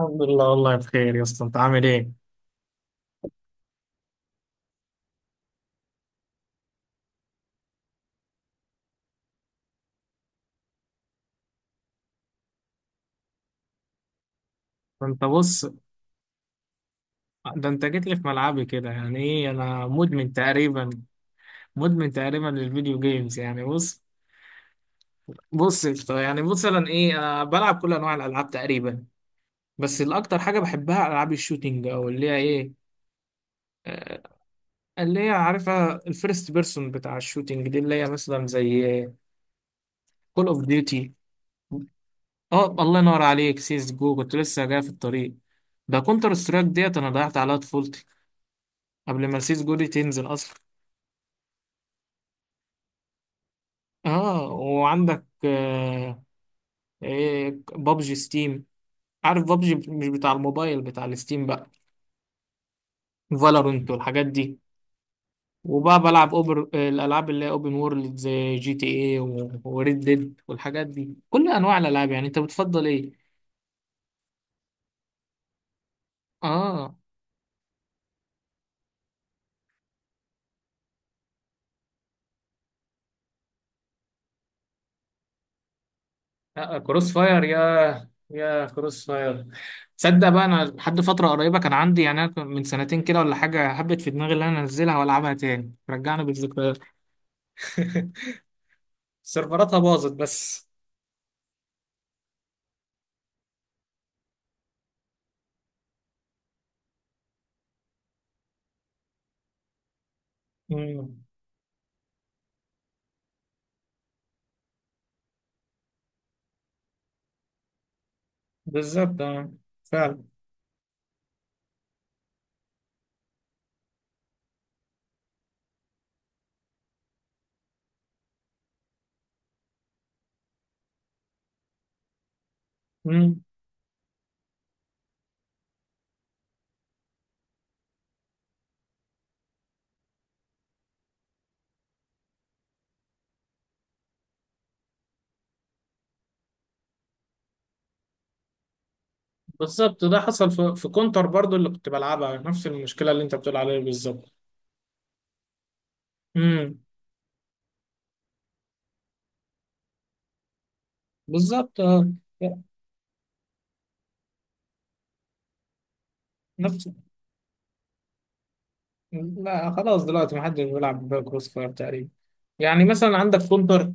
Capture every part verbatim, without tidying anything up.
الحمد لله والله بخير يا اسطى، انت عامل ايه؟ انت بص، ده انت جيت لي في ملعبي كده، يعني ايه، انا مدمن تقريبا مدمن تقريبا للفيديو جيمز، يعني بص. بص يا اسطى، يعني مثلا ايه، انا بلعب كل انواع الالعاب تقريبا، بس الاكتر حاجه بحبها العاب الشوتينج، او اللي هي ايه، آه، اللي هي عارفها الفيرست بيرسون بتاع الشوتينج دي، اللي هي مثلا زي كول اوف ديوتي. اه، الله ينور عليك، سيس جو كنت لسه جاي في الطريق. ده كونتر سترايك ديت انا ضيعت عليها طفولتي قبل ما سيس جودي تنزل اصلا. اه، وعندك آه ايه، بابجي ستيم. عارف بابجي مش بتاع الموبايل، بتاع الستيم بقى. فالورنت والحاجات دي. وبقى بلعب اوبر الالعاب اللي هي اوبن وورلد، زي جي تي ايه وريد ديد والحاجات دي، كل انواع الالعاب. يعني انت بتفضل ايه؟ اه، آه، كروس فاير، يا يا كروس فاير. تصدق بقى انا لحد فتره قريبه كان عندي، يعني أنا كان من سنتين كده ولا حاجه حبت في دماغي ان انا انزلها والعبها تاني، رجعنا بالذكريات. سيرفراتها باظت بس. مم. بالظبط آه. فعلا. مم. بالظبط، ده حصل في في كونتر برضو اللي كنت بلعبها، نفس المشكلة اللي انت بتقول عليها بالظبط. مم. بالظبط آه. نفس. لا، خلاص دلوقتي محدش بيلعب كروس فاير تقريبا. يعني مثلا عندك كونتر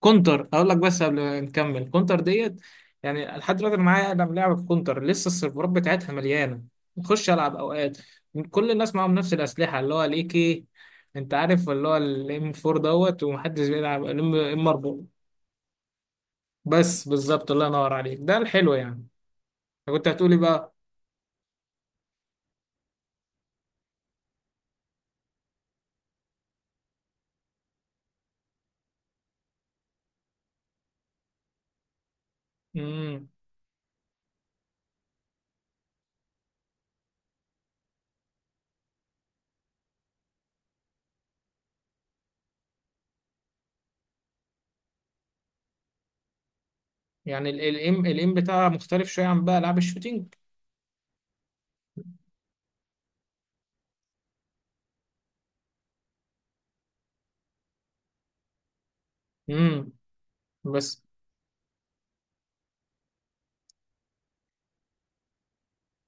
كونتر اقول لك، بس قبل ما نكمل كونتر ديت، يعني لحد دلوقتي انا معايا، انا بلعب كونتر لسه، السيرفرات بتاعتها مليانه، بخش العب اوقات. كل الناس معاهم نفس الاسلحه اللي هو الاي كي. انت عارف اللي هو الام اربعة دوت، ومحدش بيلعب الام اربعة. بس بالظبط الله ينور عليك، ده الحلو يعني. كنت هتقولي بقى. امم. يعني الام الام بتاعها مختلف شويه عن بقى العاب الشوتينج. امم. بس.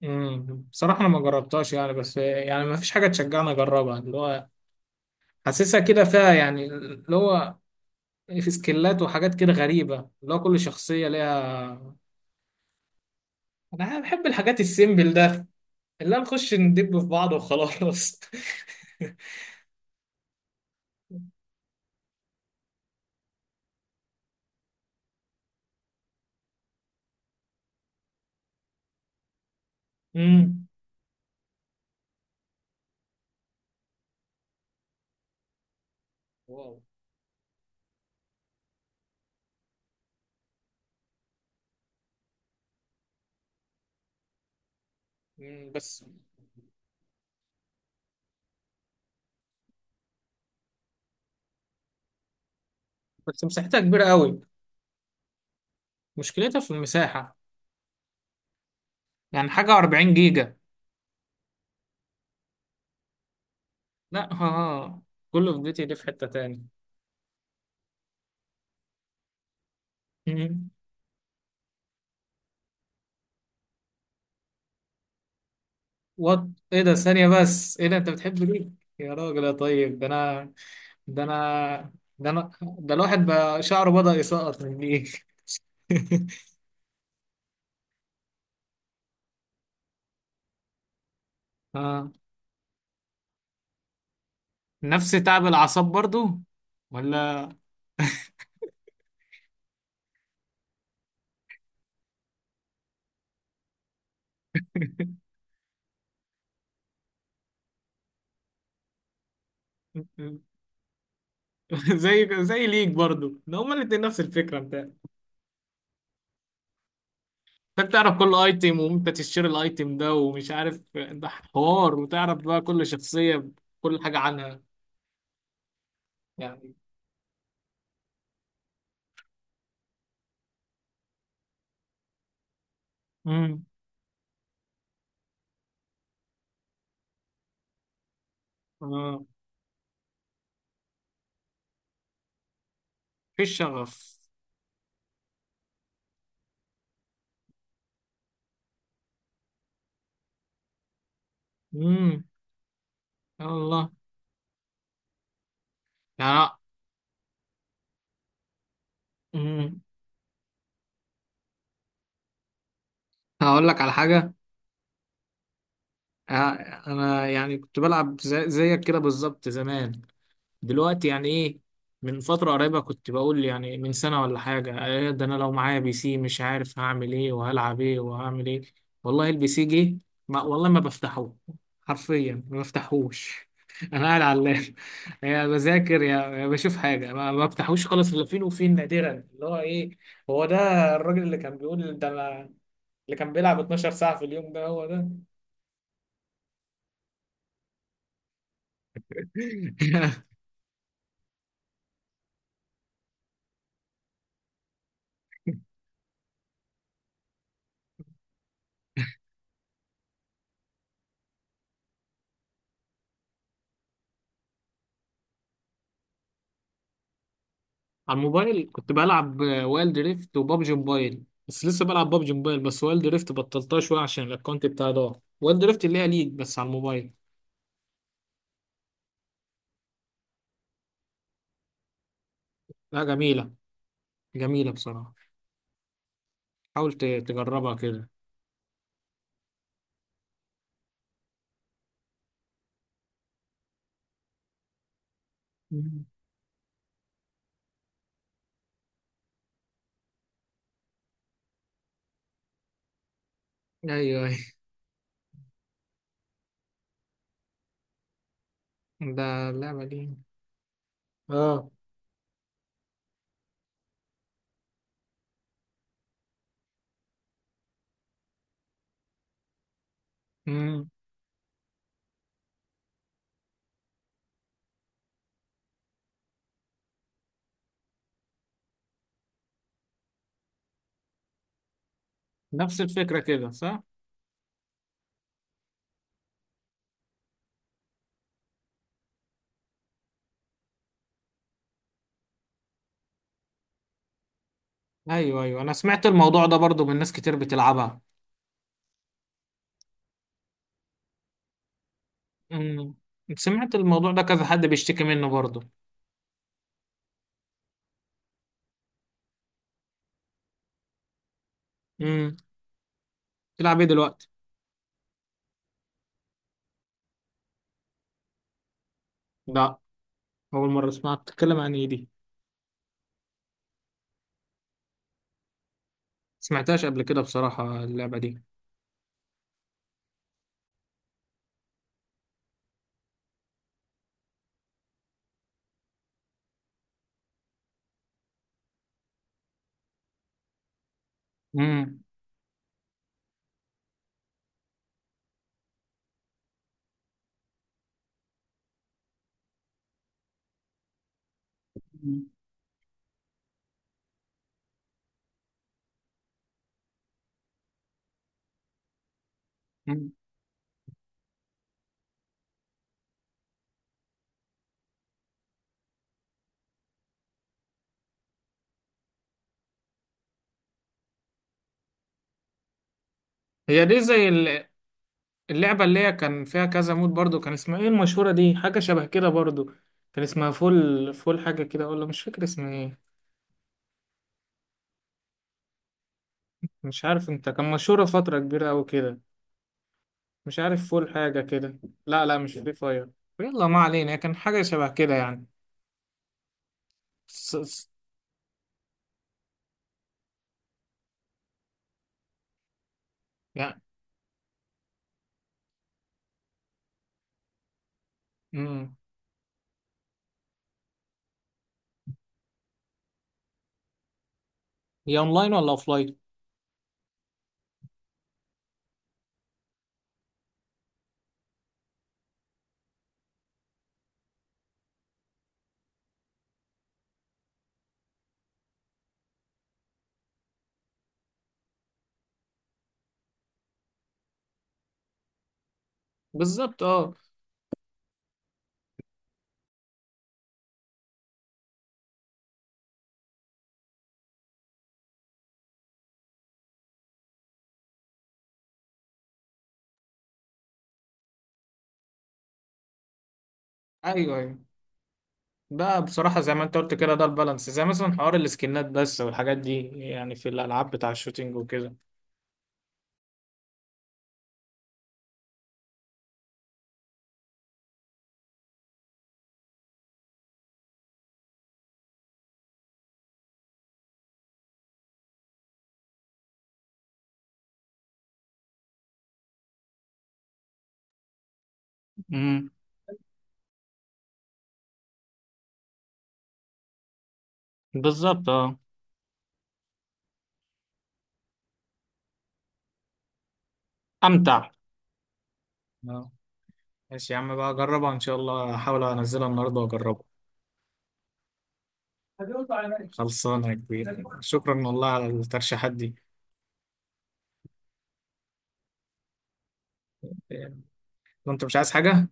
امم. بصراحه انا ما جربتهاش يعني، بس يعني ما فيش حاجه تشجعني اجربها، اللي هو حاسسها كده فيها، يعني اللي هو في سكيلات وحاجات كده غريبة، اللي هو كل شخصية ليها. أنا بحب الحاجات السيمبل ده، اللي هو نخش ندب في بعض وخلاص. امم. واو. مم. بس. بس مساحتها كبيرة قوي. مشكلتها في المساحة، يعني حاجة اربعين جيجا. لا ها ها، كل فيديوتي دي في حتة تاني. مم. وات؟ ايه ده، ثانية بس، ايه ده، انت بتحب ليه، يا راجل يا طيب؟ ده انا، ده انا ده انا ده الواحد بقى شعره بدأ يسقط من ايه. اه، نفس تعب الاعصاب برضو. ولا. زي زي ليك برضو، ده هما الاتنين نفس الفكرة بتاعتي. انت بتعرف كل ايتم وامتى تشتري الايتم ده ومش عارف ده حوار، وتعرف بقى كل شخصية، كل حاجة عنها. يعني. امم. اه، في الشغف. امم. يا الله. يعني. امم. هقول لك على حاجة. آه، انا يعني كنت بلعب زي- زيك كده بالظبط زمان. دلوقتي يعني ايه، من فترة قريبة كنت بقول يعني من سنة ولا حاجة إيه ده، انا لو معايا بي سي مش عارف هعمل ايه وهلعب ايه وهعمل ايه. والله البي سي جه، ما والله ما بفتحه، حرفيا ما بفتحوش. انا قاعد على اللاب. يا بذاكر يا يا بشوف حاجة، ما ما بفتحوش خالص الا فين وفين نادرا، اللي هو ايه، هو ده الراجل اللي كان بيقول ده أنا- اللي كان بيلعب اتناشر ساعة في اليوم، ده هو ده. على الموبايل كنت بلعب وايلد ريفت وبابجي موبايل، بس لسه بلعب بابجي موبايل بس، وايلد ريفت بطلتها شويه عشان الاكونت بتاعي ضاع. وايلد ريفت اللي هي ليج بس على الموبايل. لا، جميله. جميله بصراحه. حاول ت- تجربها كده. مم. ايوه ايوه. ده اللعبه دي. اه. مم. نفس الفكره كده، صح؟ ايوه ايوه، انا سمعت الموضوع ده برضو من ناس كتير بتلعبها. مم. سمعت الموضوع ده كذا حد بيشتكي منه برضو. مم. تلعب ايه دلوقتي؟ لا، اول مره اسمعك بتتكلم عن ايه دي، سمعتهاش قبل كده بصراحة اللعبة دي. امم. امم. هي دي زي ال- اللعبة اللي هي كان فيها كذا مود برضو، كان اسمها ايه المشهورة دي؟ حاجة شبه كده برضو، كان اسمها فول فول حاجة كده، ولا مش فاكر اسمها ايه. مش عارف انت، كان مشهورة فترة كبيرة أوي كده. مش عارف، فول حاجة كده. لا لا، مش فري فاير. يلا ما علينا، هي كان حاجة شبه كده يعني. س... س... يعني. مم. هي اونلاين ولا اوفلاين؟ بالظبط اه. ايوه ايوه، ده بصراحة زي ما انت قلت كده، ده البالانس، زي مثلا حوار السكنات بس والحاجات دي، يعني في الألعاب بتاع الشوتينج وكده. امم. بالظبط اه. امتع. اه. ماشي يا عم بقى، أجربها إن شاء الله، أحاول أنزلها النهاردة وأجربها. خلصانة يا كبير، شكرا والله على الترشيحات دي. وأنت مش عايز حاجة؟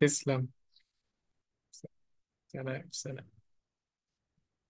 تسلم. سلام سلام.